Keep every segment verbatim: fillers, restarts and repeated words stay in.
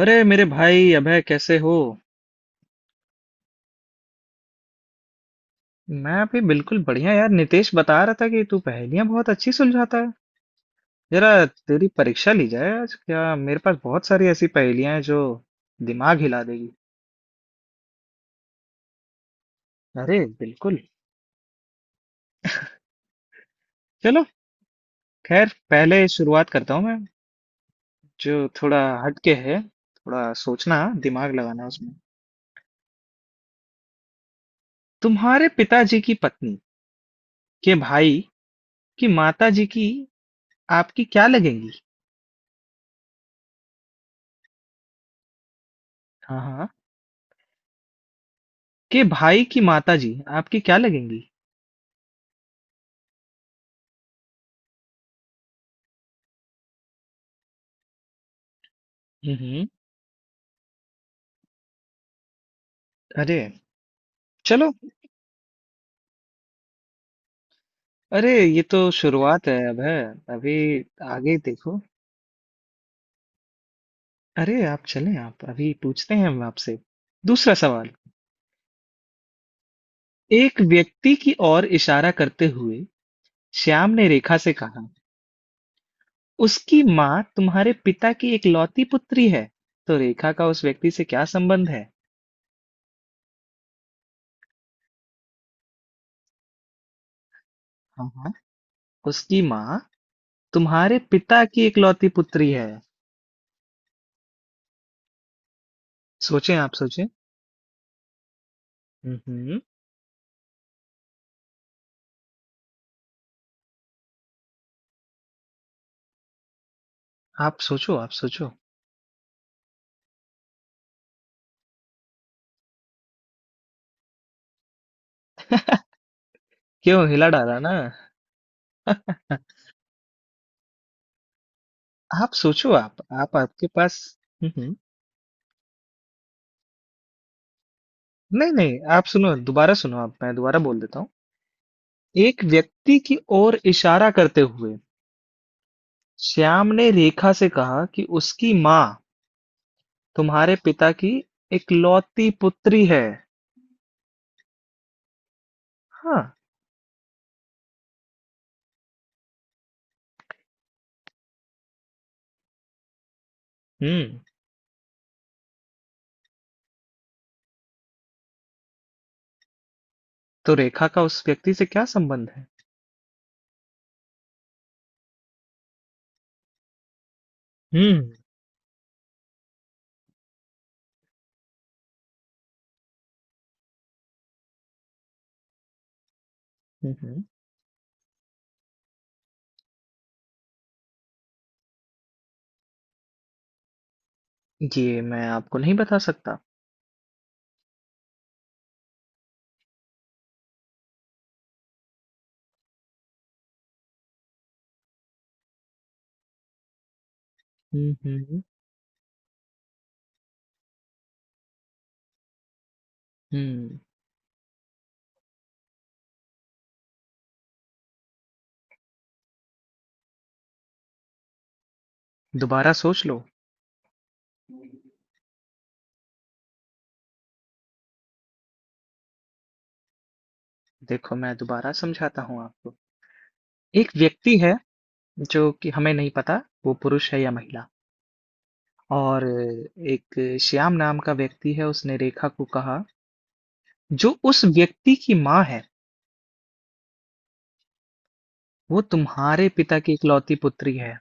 अरे मेरे भाई अभय कैसे हो। मैं भी बिल्कुल बढ़िया यार। नितेश बता रहा था कि तू पहेलियां बहुत अच्छी सुलझाता है। जरा तेरी परीक्षा ली जाए आज। क्या मेरे पास बहुत सारी ऐसी पहेलियां हैं जो दिमाग हिला देगी। अरे बिल्कुल। चलो खैर पहले शुरुआत करता हूँ मैं। जो थोड़ा हटके है, थोड़ा सोचना, दिमाग लगाना उसमें। तुम्हारे पिताजी की पत्नी के भाई की माता जी की आपकी क्या लगेंगी? हाँ हाँ, के भाई की माता जी आपकी क्या लगेंगी? हम्म। अरे चलो। अरे ये तो शुरुआत है, अब है अभी, आगे देखो। अरे आप चलें, आप अभी पूछते हैं हम आपसे। दूसरा सवाल। एक व्यक्ति की ओर इशारा करते हुए श्याम ने रेखा से कहा, उसकी माँ तुम्हारे पिता की इकलौती पुत्री है, तो रेखा का उस व्यक्ति से क्या संबंध है? हाँ हाँ, उसकी माँ तुम्हारे पिता की इकलौती पुत्री है। सोचें, आप सोचें। हम्म हम्म, आप सोचो, आप सोचो। क्यों हिला डाला ना? आप सोचो, आप। आप आपके पास। हम्म हम्म। नहीं नहीं, आप सुनो, दोबारा सुनो आप, मैं दोबारा बोल देता हूँ। एक व्यक्ति की ओर इशारा करते हुए श्याम ने रेखा से कहा कि उसकी माँ तुम्हारे पिता की इकलौती पुत्री है। हाँ। हम्म। तो रेखा का उस व्यक्ति से क्या संबंध है? हम्म हम्म हम्म। ये मैं आपको नहीं बता सकता। हम्म हम्म हम्म। दोबारा सोच लो। देखो मैं दोबारा समझाता हूँ आपको। एक व्यक्ति है जो कि हमें नहीं पता वो पुरुष है या महिला। और एक श्याम नाम का व्यक्ति है, उसने रेखा को कहा, जो उस व्यक्ति की माँ है वो तुम्हारे पिता की इकलौती पुत्री है।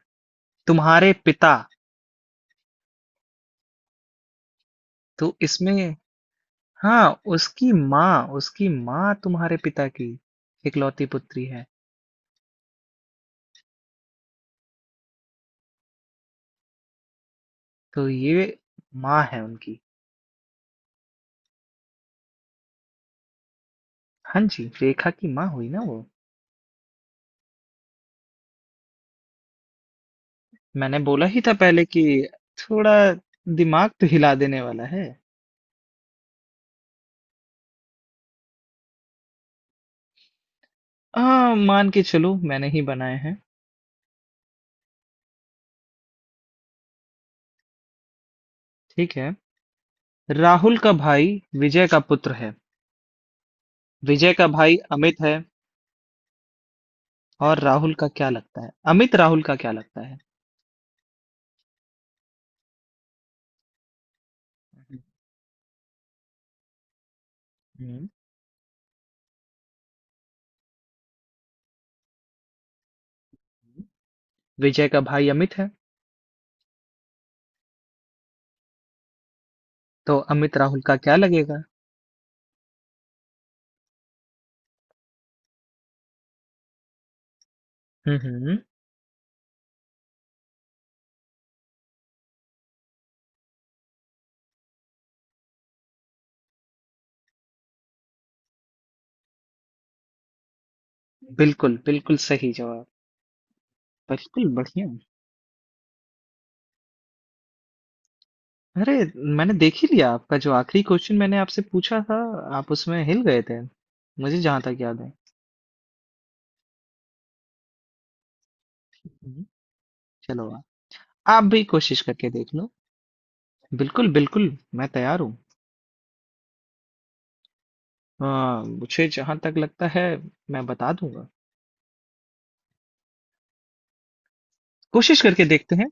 तुम्हारे पिता, तो इसमें, हाँ उसकी माँ, उसकी माँ तुम्हारे पिता की इकलौती पुत्री है। तो ये माँ है उनकी। हाँ जी, रेखा की माँ हुई ना वो। मैंने बोला ही था पहले कि थोड़ा दिमाग तो हिला देने वाला है। आ, मान के चलो मैंने ही बनाए हैं। ठीक है। राहुल का भाई विजय का पुत्र है। विजय का भाई अमित है। और राहुल का क्या लगता है, अमित राहुल का क्या लगता है? हम्म। विजय का भाई अमित है, तो अमित राहुल का क्या लगेगा? हम्म हम्म। बिल्कुल बिल्कुल सही जवाब। बिल्कुल बढ़िया। अरे मैंने देख ही लिया आपका। जो आखिरी क्वेश्चन मैंने आपसे पूछा था, आप उसमें हिल गए थे, मुझे जहां तक याद है। हम्म। चलो आप आप भी कोशिश करके देख लो। बिल्कुल बिल्कुल, मैं तैयार हूँ। हाँ मुझे जहां तक लगता है, मैं बता दूंगा। कोशिश करके देखते हैं।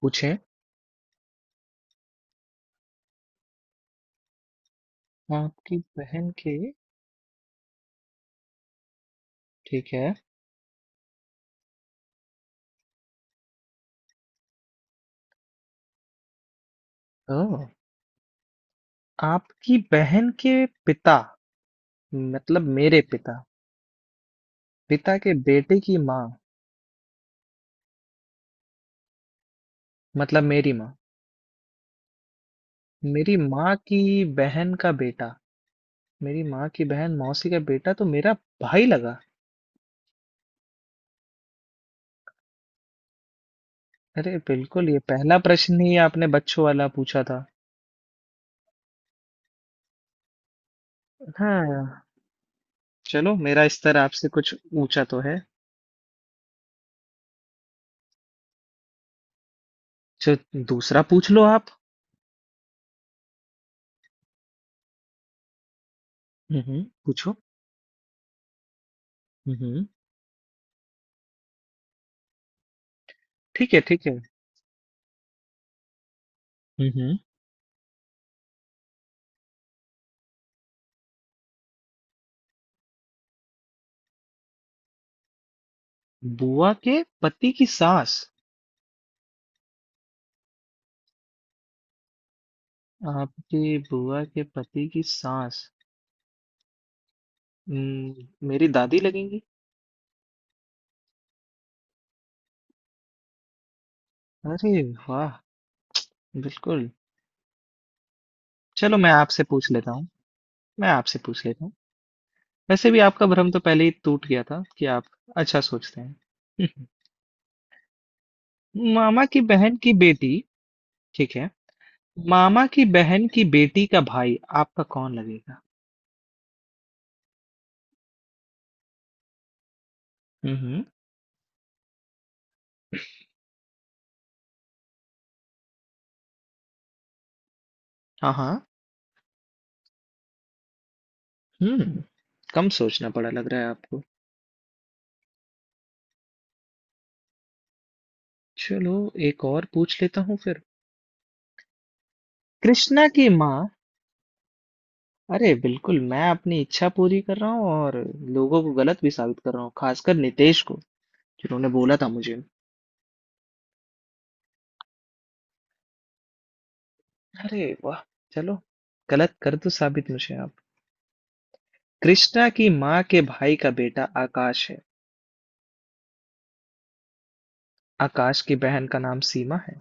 पूछें। आपकी बहन के, ठीक है। हाँ, आपकी बहन के पिता मतलब मेरे पिता, पिता के बेटे की माँ मतलब मेरी माँ, मेरी माँ की बहन का बेटा, मेरी माँ की बहन मौसी का बेटा तो मेरा भाई लगा। अरे बिल्कुल, ये पहला प्रश्न ही आपने बच्चों वाला पूछा था। हाँ चलो, मेरा स्तर आपसे कुछ ऊंचा तो है। चलो दूसरा पूछ लो आप। हुँ, हुँ, पूछो। हुँ, हुँ। ठीक है, ठीक है। हुँ, हुँ। बुआ के पति की सास, आपकी बुआ के पति की सास, उम, मेरी दादी लगेंगी। अरे वाह! बिल्कुल। चलो मैं आपसे पूछ लेता हूँ, मैं आपसे पूछ लेता हूँ। वैसे भी आपका भ्रम तो पहले ही टूट गया था कि आप अच्छा सोचते हैं। हुँ, हुँ। मामा की बहन की बेटी, ठीक है, मामा की बहन की बेटी का भाई आपका कौन लगेगा? हुँ, हुँ। हाँ, हाँ। हम्म। कम सोचना पड़ा लग रहा है आपको। चलो एक और पूछ लेता हूँ फिर। कृष्णा की माँ। अरे बिल्कुल, मैं अपनी इच्छा पूरी कर रहा हूँ और लोगों को गलत भी साबित कर रहा हूँ, खासकर नितेश को जिन्होंने बोला था मुझे। अरे वाह। चलो, गलत कर दो साबित मुझे आप। कृष्णा की माँ के भाई का बेटा आकाश है। आकाश की बहन का नाम सीमा है।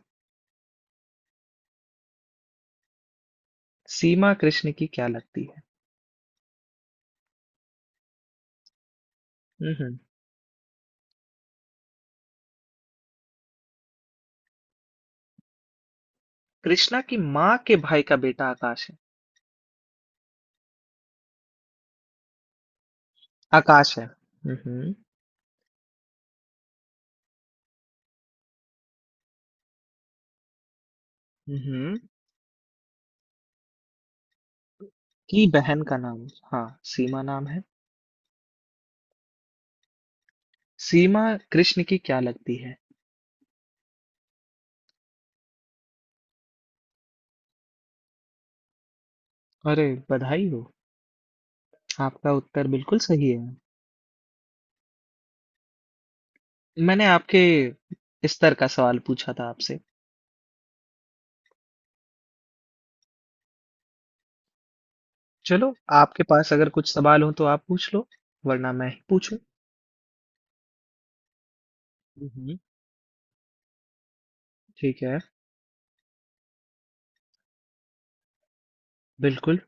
सीमा कृष्ण की क्या लगती है? हम्म हम्म। कृष्णा की माँ के भाई का बेटा आकाश है। आकाश है। हम्म हम्म हम्म। की बहन का नाम, हाँ सीमा नाम है। सीमा कृष्ण की क्या लगती है? अरे बधाई हो, आपका उत्तर बिल्कुल सही है। मैंने आपके स्तर का सवाल पूछा था आपसे। चलो, आपके पास अगर कुछ सवाल हो तो आप पूछ लो, वरना मैं ही पूछूं। हम्म, ठीक है। बिल्कुल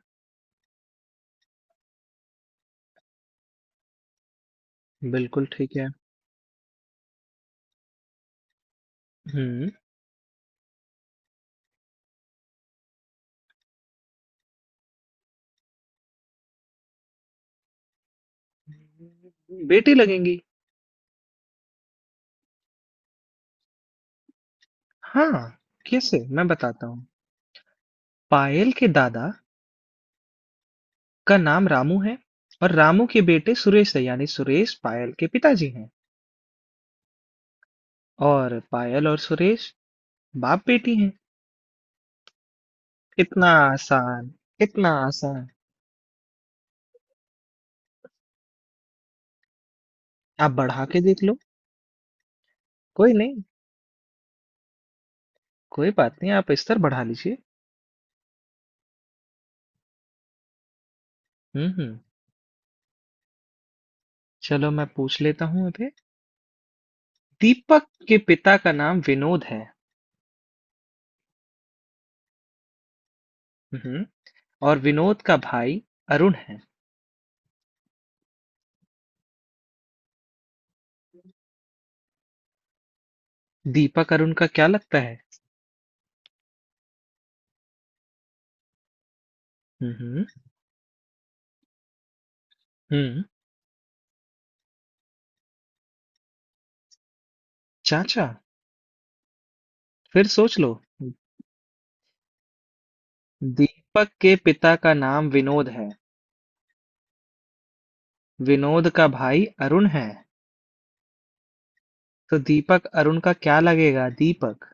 बिल्कुल। ठीक है। हम्म। बेटी लगेंगी। हाँ, कैसे मैं बताता हूँ। पायल के दादा का नाम रामू है और रामू के बेटे सुरेश है, यानी सुरेश पायल के पिताजी हैं। और पायल और सुरेश बाप बेटी हैं। इतना आसान, इतना आसान, आप बढ़ा के देख लो। कोई नहीं, कोई बात नहीं, आप स्तर बढ़ा लीजिए। हम्म हम्म। चलो मैं पूछ लेता हूँ अभी। दीपक के पिता का नाम विनोद है। हम्म हम्म। और विनोद का भाई अरुण है। दीपक अरुण का क्या लगता है? हम्म हम्म हम्म, चाचा? फिर सोच लो। दीपक के पिता का नाम विनोद है, विनोद का भाई अरुण है, तो दीपक अरुण का क्या लगेगा, दीपक?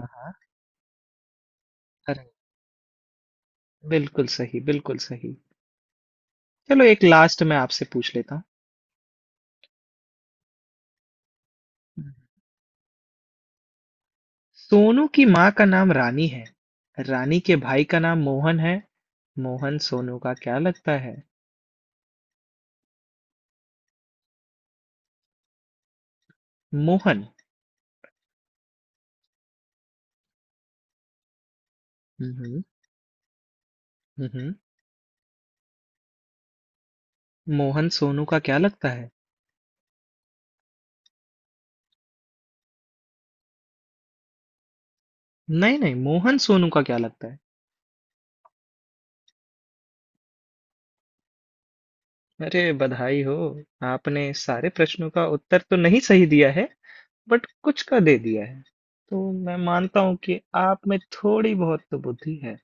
हाँ, अरे बिल्कुल सही, बिल्कुल सही। चलो एक लास्ट मैं आपसे पूछ लेता हूँ। सोनू की माँ का नाम रानी है। रानी के भाई का नाम मोहन है। मोहन सोनू का क्या लगता है? मोहन। हम्म हम्म हम्म। मोहन सोनू का क्या लगता है? नहीं नहीं, मोहन सोनू का क्या लगता है? अरे बधाई हो, आपने सारे प्रश्नों का उत्तर तो नहीं सही दिया है, बट कुछ का दे दिया है, तो मैं मानता हूँ कि आप में थोड़ी बहुत तो बुद्धि है।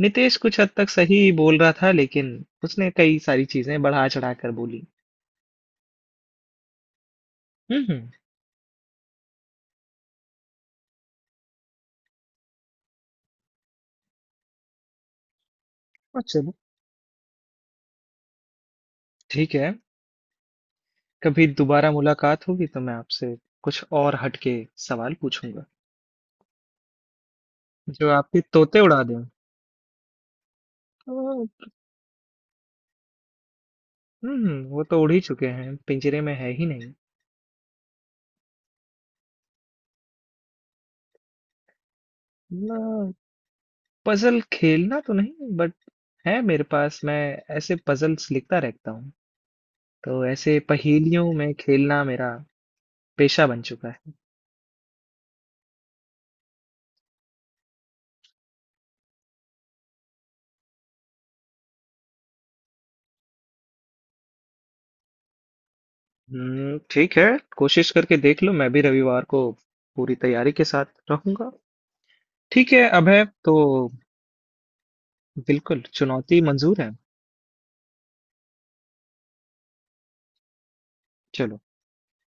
नितेश कुछ हद तक सही बोल रहा था, लेकिन उसने कई सारी चीजें बढ़ा चढ़ा कर बोली। हम्म हम्म। और चलो ठीक है, कभी दोबारा मुलाकात होगी तो मैं आपसे कुछ और हटके सवाल पूछूंगा जो आपके तोते उड़ा दें। तो, हम्म, वो तो उड़ ही चुके हैं, पिंजरे में है ही नहीं। ना, पजल खेलना तो नहीं, बट है मेरे पास। मैं ऐसे पजल्स लिखता रहता हूँ, तो ऐसे पहेलियों में खेलना मेरा पेशा बन चुका है। हम्म, ठीक है, कोशिश करके देख लो। मैं भी रविवार को पूरी तैयारी के साथ रहूंगा। ठीक है अभय तो, बिल्कुल चुनौती मंजूर है। चलो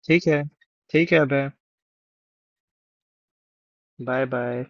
ठीक है, ठीक है अभय, बाय बाय।